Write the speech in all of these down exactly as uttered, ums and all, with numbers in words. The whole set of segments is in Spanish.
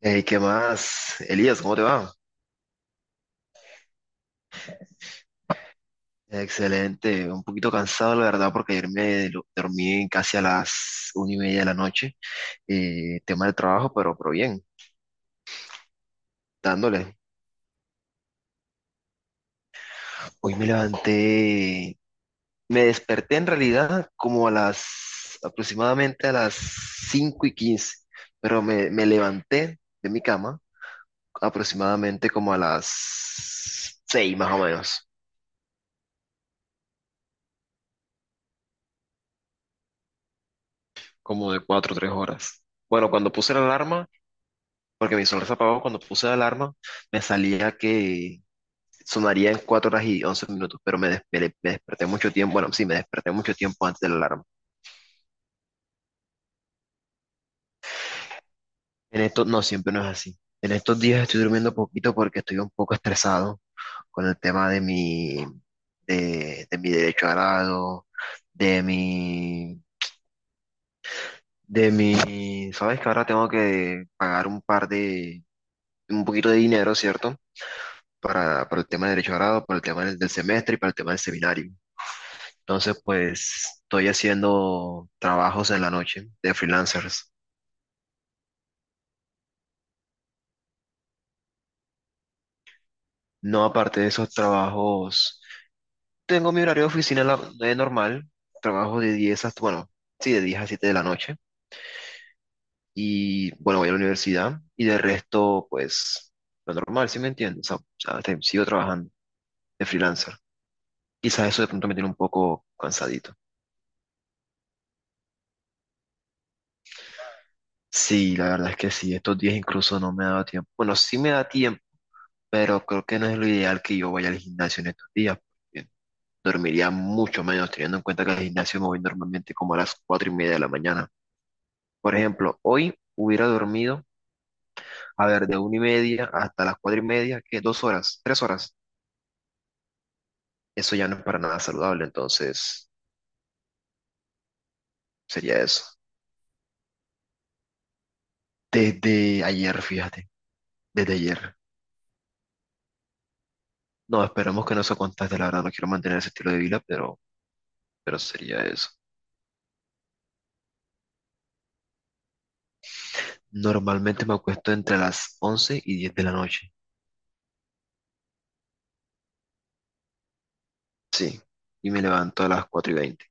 Hey, ¿qué más? Elías, ¿cómo te va? Excelente, un poquito cansado la verdad, porque ayer me lo- dormí casi a las una y media de la noche, eh, tema de trabajo, pero, pero bien, dándole. Hoy me levanté, me desperté en realidad como a las aproximadamente a las cinco y quince, pero me, me levanté de mi cama aproximadamente como a las seis, más o menos, como de cuatro o tres horas. Bueno, cuando puse la alarma. Porque mi sonrisa apagó cuando puse la alarma, me salía que sonaría en cuatro horas y once minutos, pero me, despe- me de- me desperté mucho tiempo, bueno, sí, me desperté mucho tiempo antes de la alarma. En esto no, siempre no es así. En estos días estoy durmiendo poquito porque estoy un poco estresado con el tema de mi, de, de mi derecho a grado, de mi, de mi, sabes que ahora tengo que pagar un par de, un poquito de dinero, ¿cierto? Para, para el tema de derecho a grado, para el tema del del semestre y para el tema del seminario. Entonces, pues estoy haciendo trabajos en la noche de freelancers. No, aparte de esos trabajos, tengo mi horario de oficina la- eh, normal, trabajo de diez hasta, bueno, sí, de diez a siete de la noche. Y bueno, voy a la universidad y de resto, pues lo normal, ¿sí me entiendes? O sea, o sea, te- sigo trabajando de freelancer. Quizás eso de pronto me tiene un poco cansadito. Sí, la verdad es que sí, estos días incluso no me ha dado tiempo. Bueno, sí me da tiempo, pero creo que no es lo ideal que yo vaya al gimnasio en estos días, dormiría mucho menos, teniendo en cuenta que al gimnasio me voy normalmente como a las cuatro y media de la mañana. Por ejemplo, hoy hubiera dormido, a ver, de una y media hasta las cuatro y media, que dos horas, tres horas. Eso ya no es para nada saludable, entonces sería eso. Desde ayer, fíjate, desde ayer. No, esperemos que no se contagie, la verdad, no quiero mantener ese estilo de vida, pero, pero sería eso. Normalmente me acuesto entre las once y diez de la noche. Sí, y me levanto a las cuatro y veinte.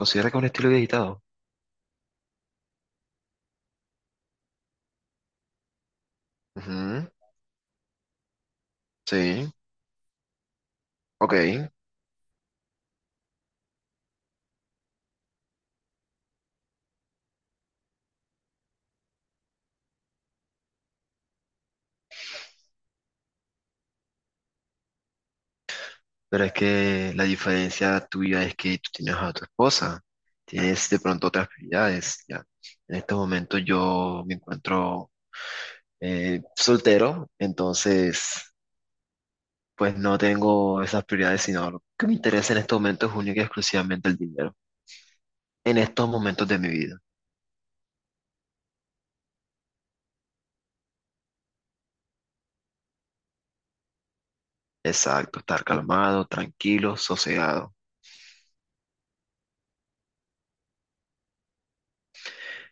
¿Considera que es un estilo de agitado? Ujú. Sí, ok. Pero es que la diferencia tuya es que tú tienes a tu esposa, tienes de pronto otras prioridades, ya. En este momento yo me encuentro, eh, soltero, entonces pues no tengo esas prioridades, sino lo que me interesa en este momento es única y exclusivamente el dinero. En estos momentos de mi vida. Exacto, estar calmado, tranquilo, sosegado.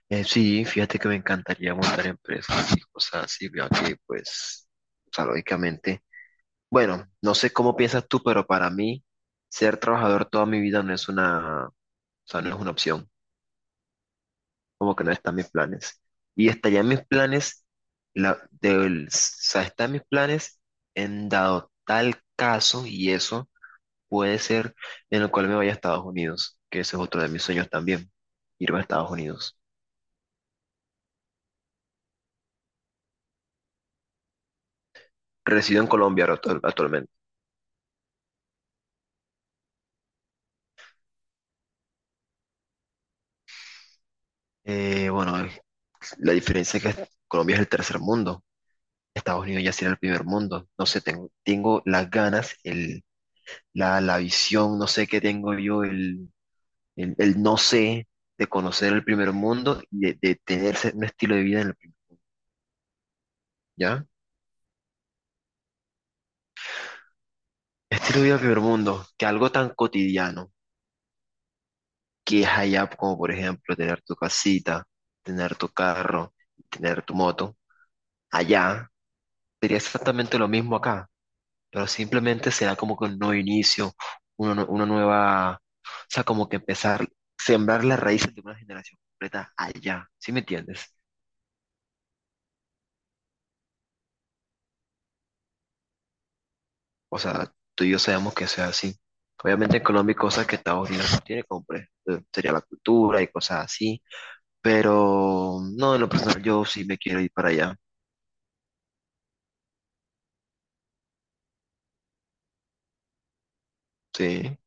Eh, sí, fíjate que me encantaría montar empresas y cosas así, veo que pues, o sea, lógicamente. Bueno, no sé cómo piensas tú, pero para mí ser trabajador toda mi vida no es una, o sea, no es una opción, como que no están mis planes. Y está ya en mis planes, la, del, o sea, está en mis planes, en dado tal caso, y eso puede ser en el cual me vaya a Estados Unidos, que ese es otro de mis sueños también, irme a Estados Unidos. Resido en Colombia ahora actu- actualmente. Eh, bueno, la diferencia es que Colombia es el tercer mundo. Estados Unidos ya será el primer mundo. No sé, tengo, tengo las ganas, el, la, la visión, no sé qué tengo yo, el, el, el no sé, de conocer el primer mundo y de, de tener ese- un estilo de vida en el, pri- ¿ya? Estilo de vida del primer mundo, que algo tan cotidiano que es allá, como por ejemplo tener tu casita, tener tu carro, tener tu moto, allá sería exactamente lo mismo acá. Pero simplemente será como que un nuevo inicio, una, nue- una nueva, o sea, como que empezar, sembrar las raíces de una generación completa allá, ¿sí me entiendes? O sea, tú y yo sabemos que sea así. Obviamente en Colombia hay cosas que Estados Unidos no tiene, como por ejemplo, sería la cultura y cosas así, pero no, en lo personal yo sí me quiero ir para allá, sí.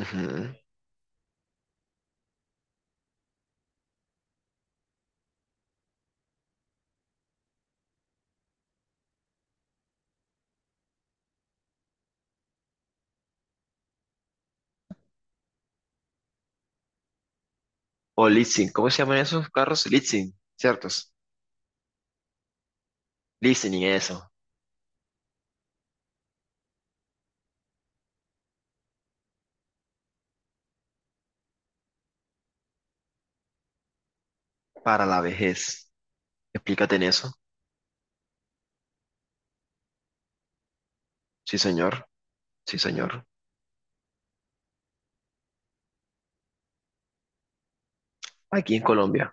Ujú. O leasing, ¿cómo se llaman esos carros? Leasing, ¿ciertos? Leasing y eso, para la vejez. Explícate en eso. Sí, señor. Sí, señor. Aquí en Colombia.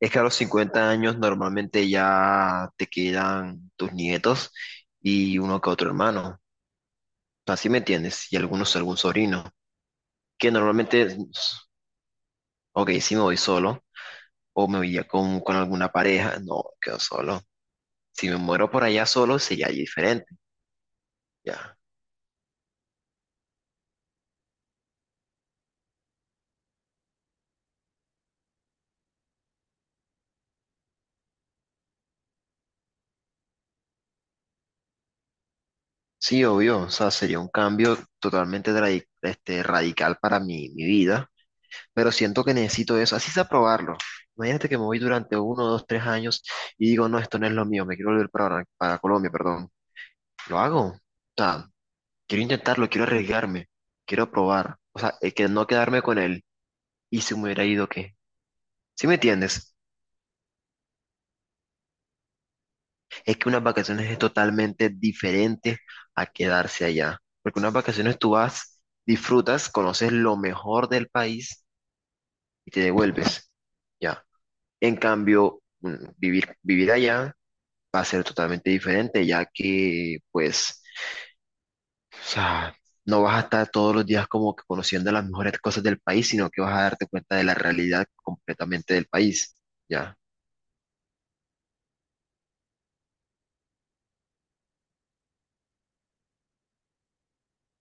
Es que a los cincuenta años normalmente ya te quedan tus nietos y uno que otro hermano. Así me entiendes. Y algunos, algún sobrino. Que normalmente, ok, si me voy solo o me voy ya con, con alguna pareja, no, quedo solo. Si me muero por allá solo, sería ya diferente. Ya. Sí, obvio. O sea, sería un cambio totalmente dra- este, radical para mi, mi vida. Pero siento que necesito eso, así sea probarlo. Imagínate que me voy durante uno, dos, tres años y digo, no, esto no es lo mío, me quiero volver para, para, Colombia, perdón. Lo hago. O sea, quiero intentarlo, quiero arriesgarme, quiero probar. O sea, es que no quedarme con él. ¿Y si me hubiera ido qué? ¿Sí me entiendes? Es que unas vacaciones es totalmente diferente a quedarse allá. Porque unas vacaciones tú vas, disfrutas, conoces lo mejor del país y te devuelves. Ya. En cambio, mm, vivir, vivir allá. Va a ser totalmente diferente, ya que, pues, o sea, no vas a estar todos los días como que conociendo las mejores cosas del país, sino que vas a darte cuenta de la realidad completamente del país, ¿ya?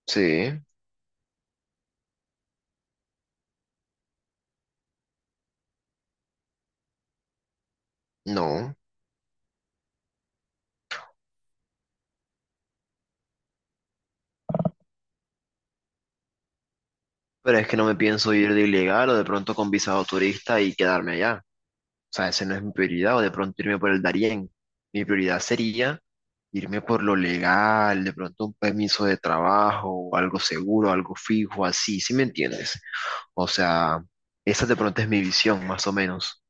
Sí, no, pero es que no me pienso ir de ilegal o de pronto con visado turista y quedarme allá. O sea, esa no es mi prioridad, o de pronto irme por el Darién. Mi prioridad sería irme por lo legal, de pronto un permiso de trabajo, algo seguro, algo fijo, así, ¿sí me entiendes? O sea, esa de pronto es mi visión, más o menos.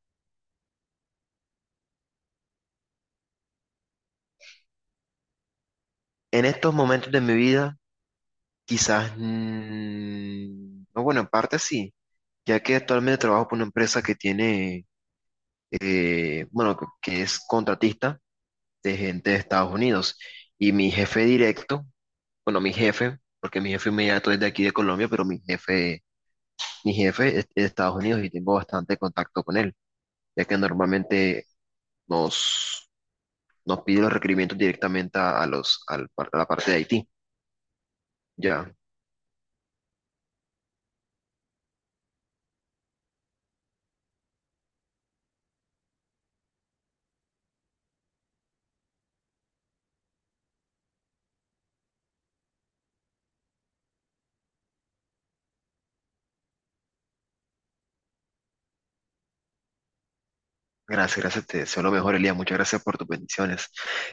En estos momentos de mi vida, quizás, mm, no, bueno, en parte sí, ya que actualmente trabajo por una empresa que tiene, eh, bueno, que que es contratista de gente de Estados Unidos. Y mi jefe directo, bueno, mi jefe, porque mi jefe inmediato es de aquí de Colombia, pero mi jefe, mi jefe es de Estados Unidos, y tengo bastante contacto con él, ya que normalmente nos nos pide los requerimientos directamente a, a los, al par- a la parte de Haití. Ya, gracias, gracias, te deseo lo mejor, Elías. Muchas gracias por tus bendiciones.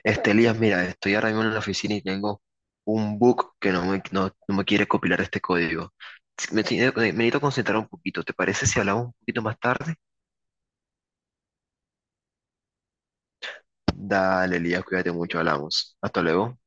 Este, Elías, mira, estoy ahora mismo en la oficina y tengo un bug que no me, no, no me quiere compilar este código. Si- Me, tiene- me necesito concentrar un poquito. ¿Te parece si hablamos un poquito más tarde? Dale, Elías, cuídate mucho, hablamos. Hasta luego.